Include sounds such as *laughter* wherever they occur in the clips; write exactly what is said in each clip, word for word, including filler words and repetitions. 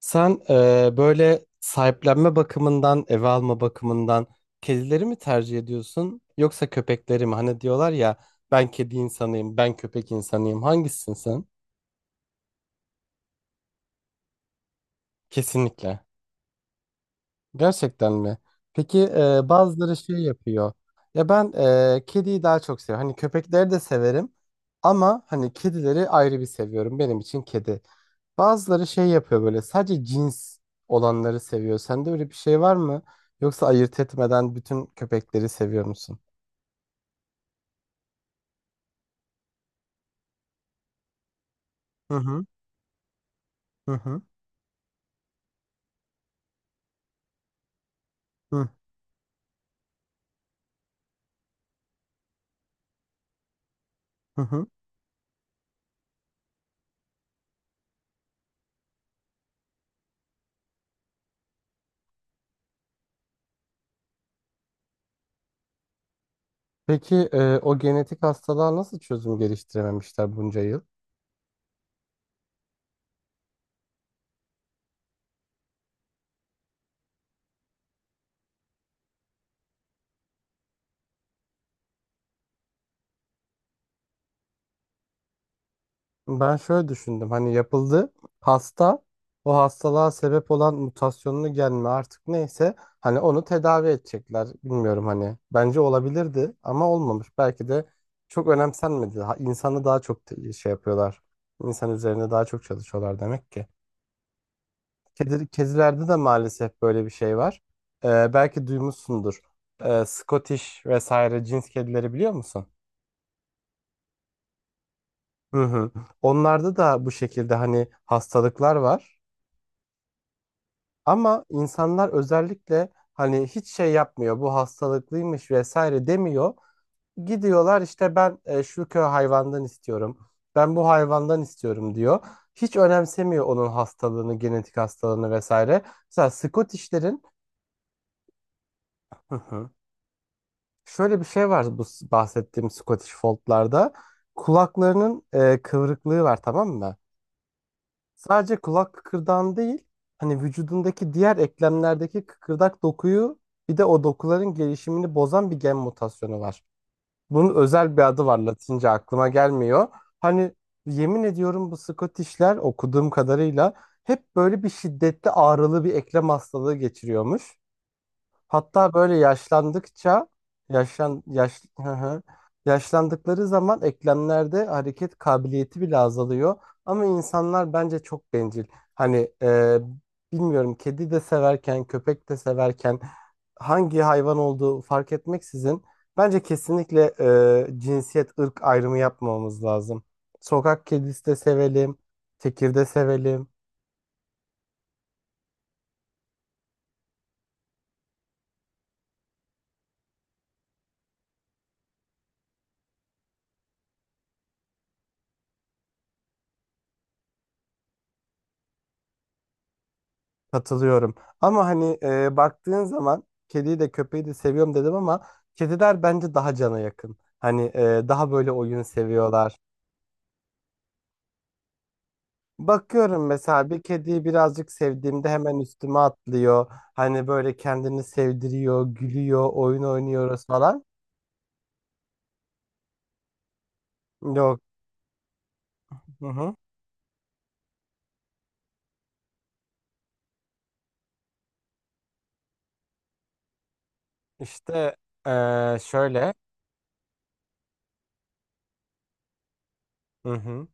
Sen eee, böyle sahiplenme bakımından, eve alma bakımından kedileri mi tercih ediyorsun yoksa köpekleri mi? Hani diyorlar ya, ben kedi insanıyım, ben köpek insanıyım. Hangisisin sen? Kesinlikle. Gerçekten mi? Peki eee, bazıları şey yapıyor. Ya ben eee, kediyi daha çok seviyorum. Hani köpekleri de severim ama hani kedileri ayrı bir seviyorum. Benim için kedi. Bazıları şey yapıyor, böyle sadece cins olanları seviyor. Sende öyle bir şey var mı? Yoksa ayırt etmeden bütün köpekleri seviyor musun? Hı hı, hı hı, hı hı. Hı. Peki e, o genetik hastalığa nasıl çözüm geliştirememişler bunca yıl? Ben şöyle düşündüm, hani yapıldı, hasta, o hastalığa sebep olan mutasyonlu gen mi artık neyse, hani onu tedavi edecekler. Bilmiyorum, hani bence olabilirdi ama olmamış, belki de çok önemsenmedi. Ha- insanı daha çok te- şey yapıyorlar, insan üzerine daha çok çalışıyorlar demek ki. Kedi, kedilerde de maalesef böyle bir şey var. Ee, belki duymuşsundur, ee, Scottish vesaire cins kedileri biliyor musun? Hı hı. Onlarda da bu şekilde hani hastalıklar var. Ama insanlar özellikle hani hiç şey yapmıyor, bu hastalıklıymış vesaire demiyor. Gidiyorlar işte, ben e, şu köy hayvandan istiyorum. Ben bu hayvandan istiyorum diyor. Hiç önemsemiyor onun hastalığını, genetik hastalığını vesaire. Mesela Scottish'lerin, hı hı, şöyle bir şey var, bu s- bahsettiğim Scottish Fold'larda. Kulaklarının e, kıvrıklığı var, tamam mı? Sadece kulak kıkırdağın değil, hani vücudundaki diğer eklemlerdeki kıkırdak dokuyu, bir de o dokuların gelişimini bozan bir gen mutasyonu var. Bunun özel bir adı var, Latince aklıma gelmiyor. Hani yemin ediyorum, bu Scottish'ler okuduğum kadarıyla hep böyle bir şiddetli, ağrılı bir eklem hastalığı geçiriyormuş. Hatta böyle yaşlandıkça yaşlan yaş *laughs* hı hı. Yaşlandıkları zaman eklemlerde hareket kabiliyeti bile azalıyor. Ama insanlar bence çok bencil. Hani e, bilmiyorum, kedi de severken köpek de severken hangi hayvan olduğu fark etmeksizin, bence kesinlikle e, cinsiyet, ırk ayrımı yapmamamız lazım. Sokak kedisi de sevelim, tekirde sevelim. Katılıyorum. Ama hani e, baktığın zaman kediyi de köpeği de seviyorum dedim ama kediler bence daha cana yakın. Hani e, daha böyle oyun seviyorlar. Bakıyorum mesela, bir kediyi birazcık sevdiğimde hemen üstüme atlıyor. Hani böyle kendini sevdiriyor, gülüyor, oyun oynuyoruz falan. Yok. Hı hı. İşte e, şöyle. Hı hı.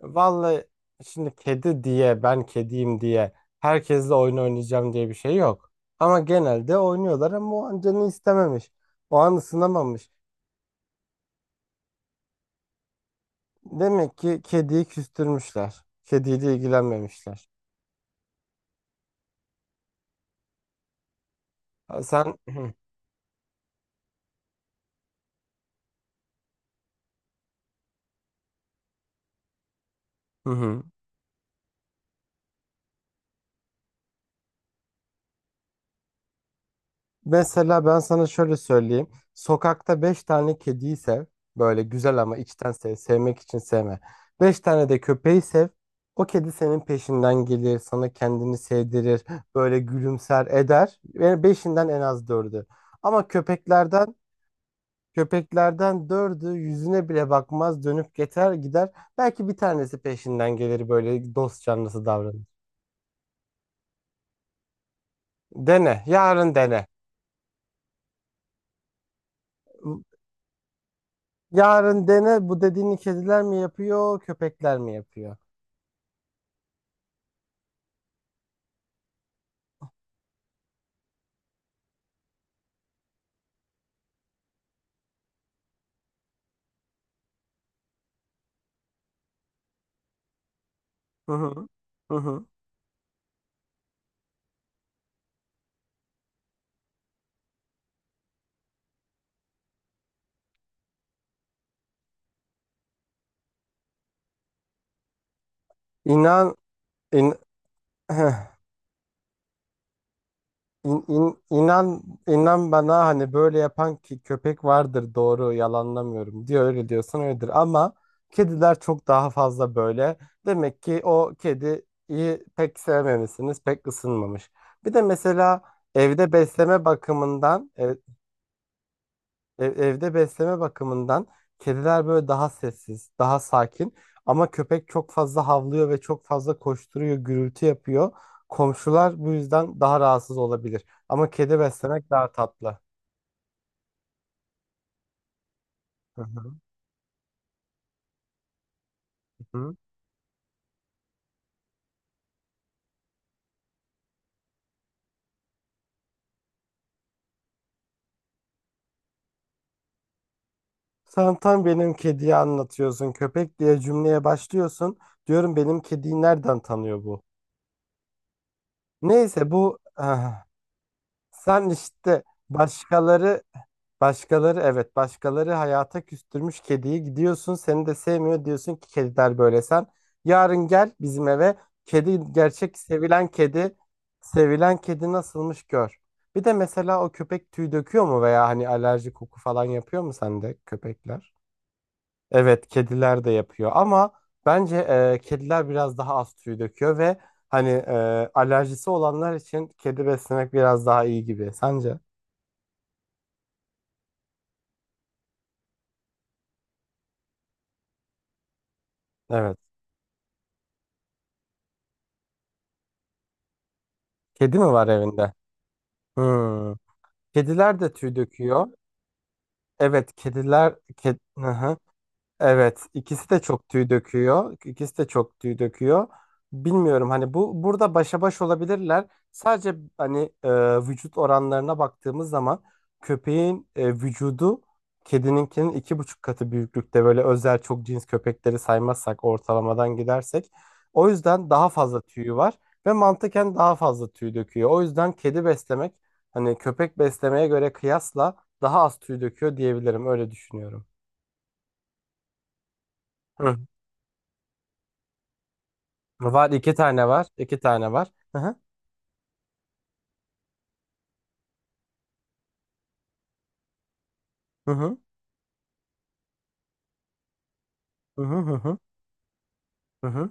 Vallahi, şimdi kedi diye, ben kediyim diye herkesle oyun oynayacağım diye bir şey yok. Ama genelde oynuyorlar, ama o an canı istememiş. O an ısınamamış. Demek ki kediyi küstürmüşler, kediyle ilgilenmemişler. Ha, sen *clears throat* hı hı. Mesela ben sana şöyle söyleyeyim. Sokakta beş tane kediyi sev. Böyle güzel ama içten sev. Sevmek için sevme. Beş tane de köpeği sev. O kedi senin peşinden gelir, sana kendini sevdirir, böyle gülümser eder. Yani beşinden en az dördü. Ama köpeklerden, köpeklerden dördü yüzüne bile bakmaz, dönüp geçer gider. Belki bir tanesi peşinden gelir, böyle dost canlısı davranır. Dene. Yarın dene. Yarın dene, bu dediğini kediler mi yapıyor, köpekler mi yapıyor? Hı hı. Hı hı. İnan, in, *sighs* in- in- inan inan bana, hani böyle yapan ki köpek vardır, doğru, yalanlamıyorum, diyor öyle, diyorsan öyledir, ama kediler çok daha fazla böyle. Demek ki o kediyi pek sevmemişsiniz, pek ısınmamış. Bir de mesela evde besleme bakımından, e, Ev- evde besleme bakımından kediler böyle daha sessiz, daha sakin. Ama köpek çok fazla havlıyor ve çok fazla koşturuyor, gürültü yapıyor. Komşular bu yüzden daha rahatsız olabilir. Ama kedi beslemek daha tatlı. Hı hı. Hı. Sen tam benim kediyi anlatıyorsun. Köpek diye cümleye başlıyorsun. Diyorum, benim kediyi nereden tanıyor bu? Neyse, bu ah, sen işte, başkaları başkaları, evet, başkaları hayata küstürmüş kediyi, gidiyorsun seni de sevmiyor, diyorsun ki kediler böyle, sen. Yarın gel bizim eve, kedi, gerçek sevilen kedi sevilen kedi nasılmış gör. Bir de mesela o köpek tüy döküyor mu, veya hani alerji, koku falan yapıyor mu sende köpekler? Evet, kediler de yapıyor ama bence e, kediler biraz daha az tüy döküyor ve hani e, alerjisi olanlar için kedi beslemek biraz daha iyi gibi, sence? Evet, kedi mi var evinde? Hmm. Kediler de tüy döküyor. Evet, kediler, ked... Hı hı. Evet, ikisi de çok tüy döküyor. İkisi de çok tüy döküyor. Bilmiyorum, hani bu burada başa baş olabilirler. Sadece hani e, vücut oranlarına baktığımız zaman köpeğin e, vücudu kedininkinin iki buçuk katı büyüklükte, böyle özel çok cins köpekleri saymazsak, ortalamadan gidersek. O yüzden daha fazla tüyü var ve mantıken daha fazla tüy döküyor. O yüzden kedi beslemek, hani köpek beslemeye göre kıyasla daha az tüy döküyor diyebilirim. Öyle düşünüyorum. Hı. Var, iki tane var, iki tane var. Hı hı. Hı hı. Hı hı, hı hı, hı hı.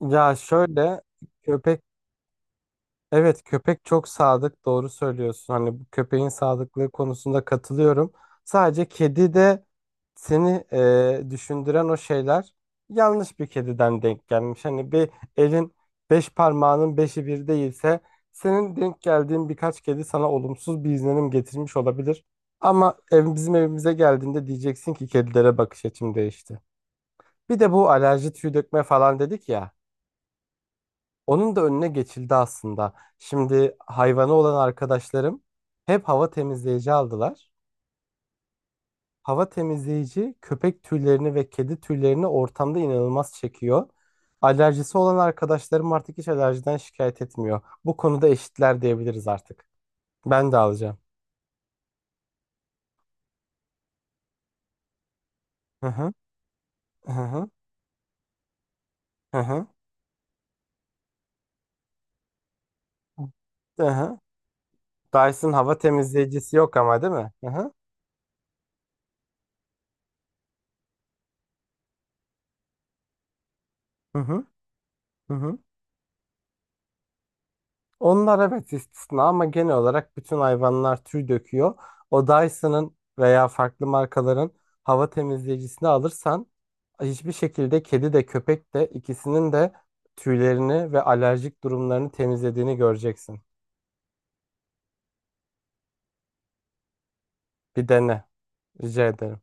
Ya şöyle, köpek, evet, köpek çok sadık, doğru söylüyorsun. Hani bu köpeğin sadıklığı konusunda katılıyorum. Sadece kedi de seni e, düşündüren o şeyler, yanlış bir kediden denk gelmiş. Hani bir elin beş parmağının beşi bir değilse, senin denk geldiğin birkaç kedi sana olumsuz bir izlenim getirmiş olabilir. Ama ev, bizim evimize geldiğinde diyeceksin ki kedilere bakış açım değişti. Bir de bu alerji, tüy dökme falan dedik ya. Onun da önüne geçildi aslında. Şimdi hayvanı olan arkadaşlarım hep hava temizleyici aldılar. Hava temizleyici köpek tüylerini ve kedi tüylerini ortamda inanılmaz çekiyor. Alerjisi olan arkadaşlarım artık hiç alerjiden şikayet etmiyor. Bu konuda eşitler diyebiliriz artık. Ben de alacağım. Hı hı. Hı hı. Hı hı. Hı hı. Dyson hava temizleyicisi yok ama, değil mi? Hı hı. Hı hı. Hı hı. Onlar evet istisna, ama genel olarak bütün hayvanlar tüy döküyor. O Dyson'ın veya farklı markaların hava temizleyicisini alırsan, hiçbir şekilde kedi de köpek de, ikisinin de tüylerini ve alerjik durumlarını temizlediğini göreceksin. Bir dene, rica ederim.